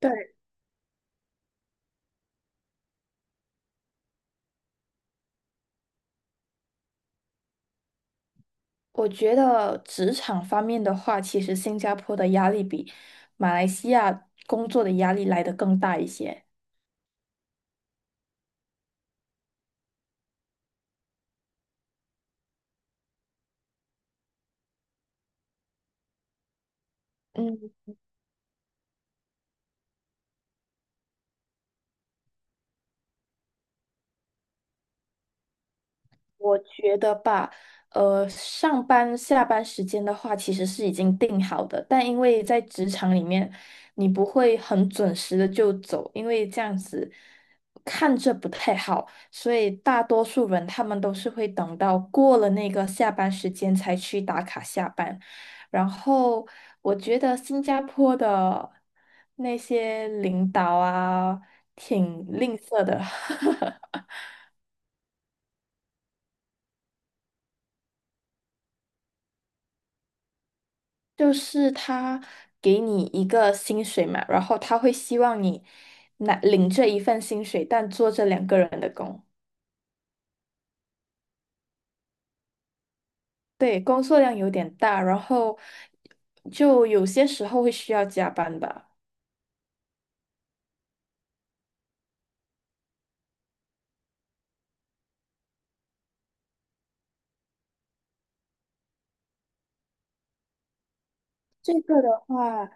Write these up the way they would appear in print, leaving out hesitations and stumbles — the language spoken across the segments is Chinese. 对，我觉得职场方面的话，其实新加坡的压力比马来西亚工作的压力来得更大一些。嗯，我觉得吧，上班下班时间的话，其实是已经定好的，但因为在职场里面，你不会很准时的就走，因为这样子看着不太好，所以大多数人他们都是会等到过了那个下班时间才去打卡下班。然后我觉得新加坡的那些领导啊，挺吝啬的。就是他给你一个薪水嘛，然后他会希望你拿领这一份薪水，但做这两个人的工。对，工作量有点大，然后就有些时候会需要加班吧。这个的话，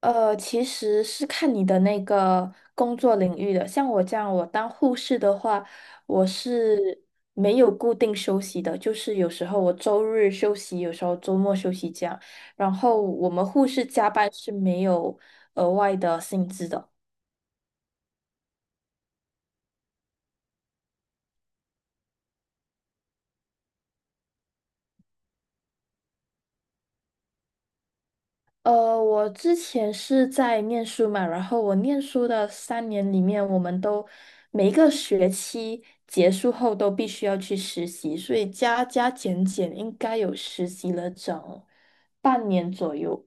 其实是看你的那个工作领域的。像我这样，我当护士的话，我是没有固定休息的，就是有时候我周日休息，有时候周末休息这样。然后我们护士加班是没有额外的薪资的。呃，我之前是在念书嘛，然后我念书的3年里面，我们都每一个学期结束后都必须要去实习，所以加加减减应该有实习了整半年左右。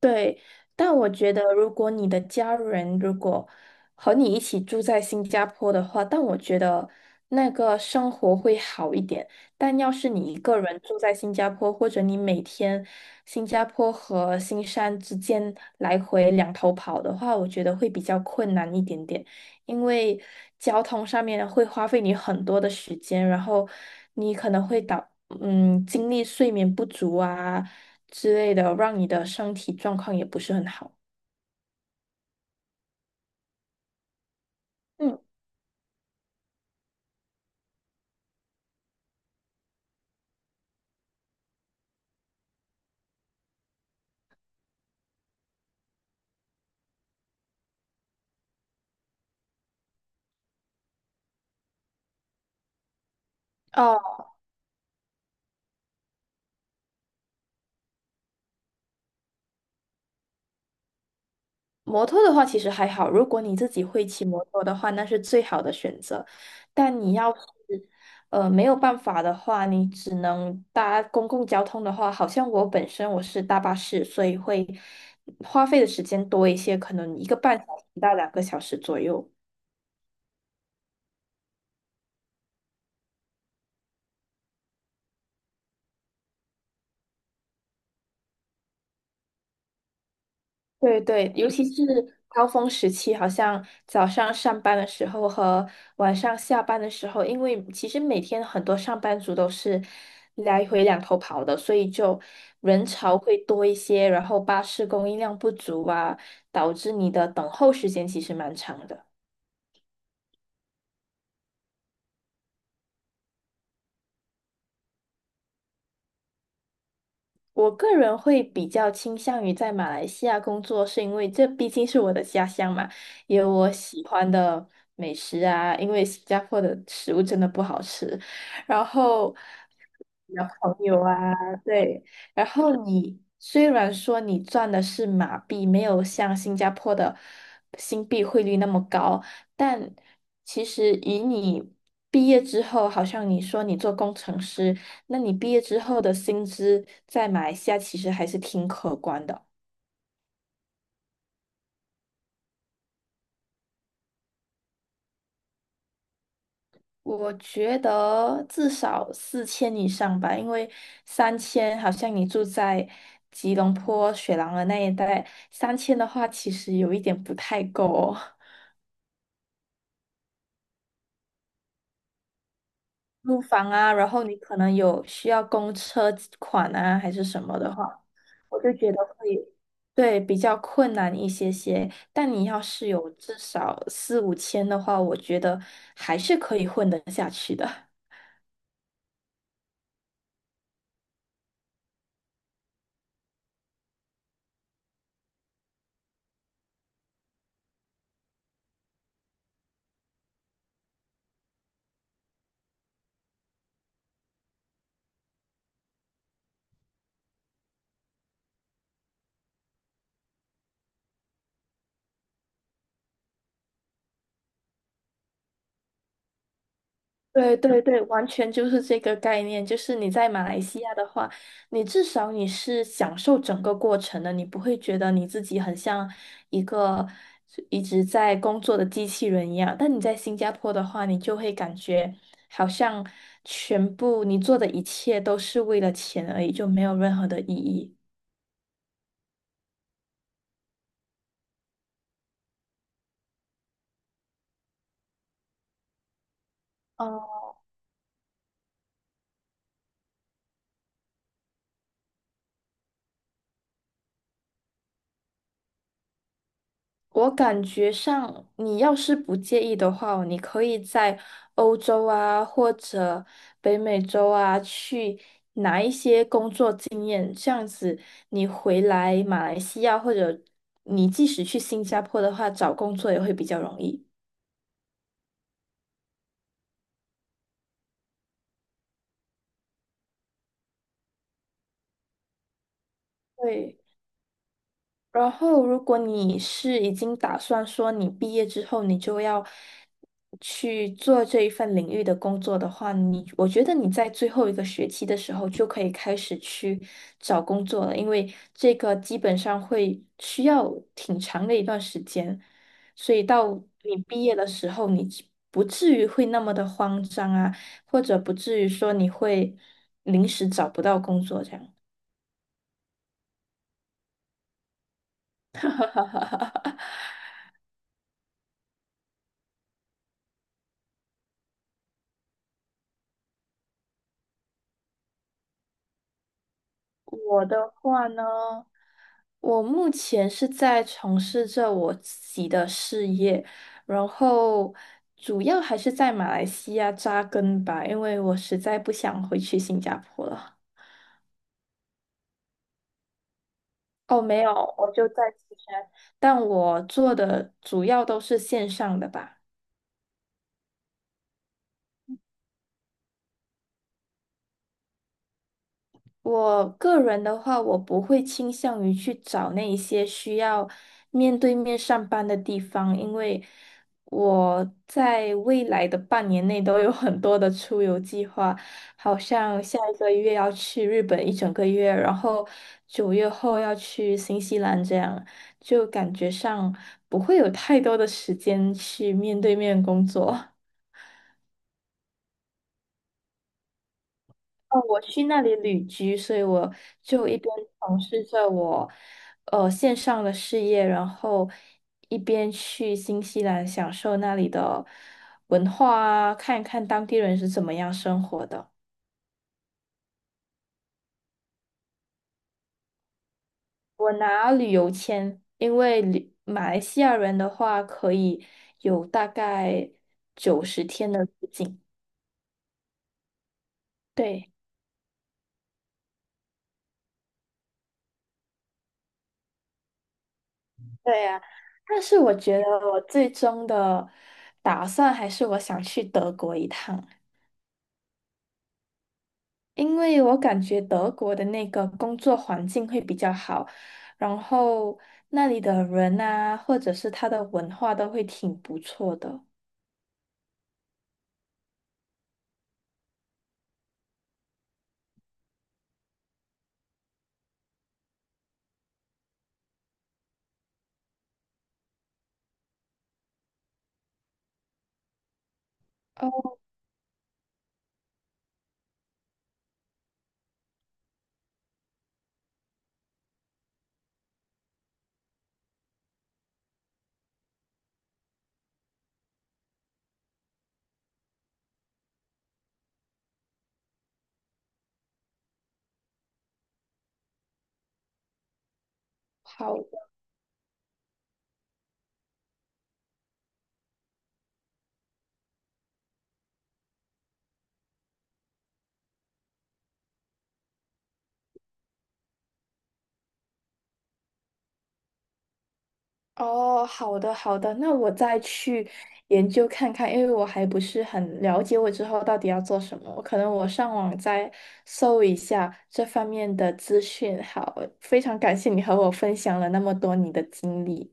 对，但我觉得如果你的家人如果和你一起住在新加坡的话，但我觉得那个生活会好一点。但要是你一个人住在新加坡，或者你每天新加坡和新山之间来回两头跑的话，我觉得会比较困难一点点，因为交通上面会花费你很多的时间，然后你可能会导。嗯，精力睡眠不足啊，之类的，让你的身体状况也不是很好。嗯，哦，摩托的话其实还好，如果你自己会骑摩托的话，那是最好的选择。但你要是没有办法的话，你只能搭公共交通的话，好像我本身我是搭巴士，所以会花费的时间多一些，可能1个半小时到2个小时左右。对对，尤其是高峰时期，好像早上上班的时候和晚上下班的时候，因为其实每天很多上班族都是来回两头跑的，所以就人潮会多一些，然后巴士供应量不足啊，导致你的等候时间其实蛮长的。我个人会比较倾向于在马来西亚工作，是因为这毕竟是我的家乡嘛，有我喜欢的美食啊。因为新加坡的食物真的不好吃，然后的朋友啊，对。然后你虽然说你赚的是马币，没有像新加坡的新币汇率那么高，但其实以你毕业之后，好像你说你做工程师。那你毕业之后的薪资在马来西亚其实还是挺可观的。我觉得至少4000以上吧，因为三千好像你住在吉隆坡、雪狼的那一带，三千的话其实有一点不太够哦。租房啊，然后你可能有需要公车款啊，还是什么的话。我就觉得会对比较困难一些些。但你要是有至少4、5000的话，我觉得还是可以混得下去的。对对对，完全就是这个概念。就是你在马来西亚的话，你至少你是享受整个过程的，你不会觉得你自己很像一个一直在工作的机器人一样。但你在新加坡的话，你就会感觉好像全部你做的一切都是为了钱而已，就没有任何的意义。我感觉上，你要是不介意的话哦你可以在欧洲啊，或者北美洲啊，去拿一些工作经验。这样子，你回来马来西亚，或者你即使去新加坡的话，找工作也会比较容易。对。然后，如果你是已经打算说你毕业之后你就要去做这一份领域的工作的话，我觉得你在最后一个学期的时候就可以开始去找工作了，因为这个基本上会需要挺长的一段时间，所以到你毕业的时候，你只不至于会那么的慌张啊，或者不至于说你会临时找不到工作这样。我的话呢？我目前是在从事着我自己的事业，然后主要还是在马来西亚扎根吧，因为我实在不想回去新加坡了。哦，没有，我就在四川，但我做的主要都是线上的吧。我个人的话，我不会倾向于去找那一些需要面对面上班的地方，因为我在未来的半年内都有很多的出游计划，好像下1个月要去日本1整个月，然后9月后要去新西兰，这样就感觉上不会有太多的时间去面对面工作。哦，我去那里旅居，所以我就一边从事着我线上的事业，然后一边去新西兰享受那里的文化啊，看一看当地人是怎么样生活的。我拿旅游签，因为旅马来西亚人的话可以有大概90天的入境。对对呀，但是我觉得我最终的打算还是我想去德国一趟。因为我感觉德国的那个工作环境会比较好，然后那里的人啊，或者是他的文化都会挺不错的。哦，好的哦，好的，好的，那我再去研究看看，因为我还不是很了解我之后到底要做什么，我可能我上网再搜一下这方面的资讯。好，非常感谢你和我分享了那么多你的经历。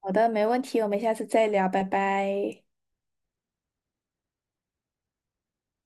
好的，没问题，我们下次再聊，拜拜。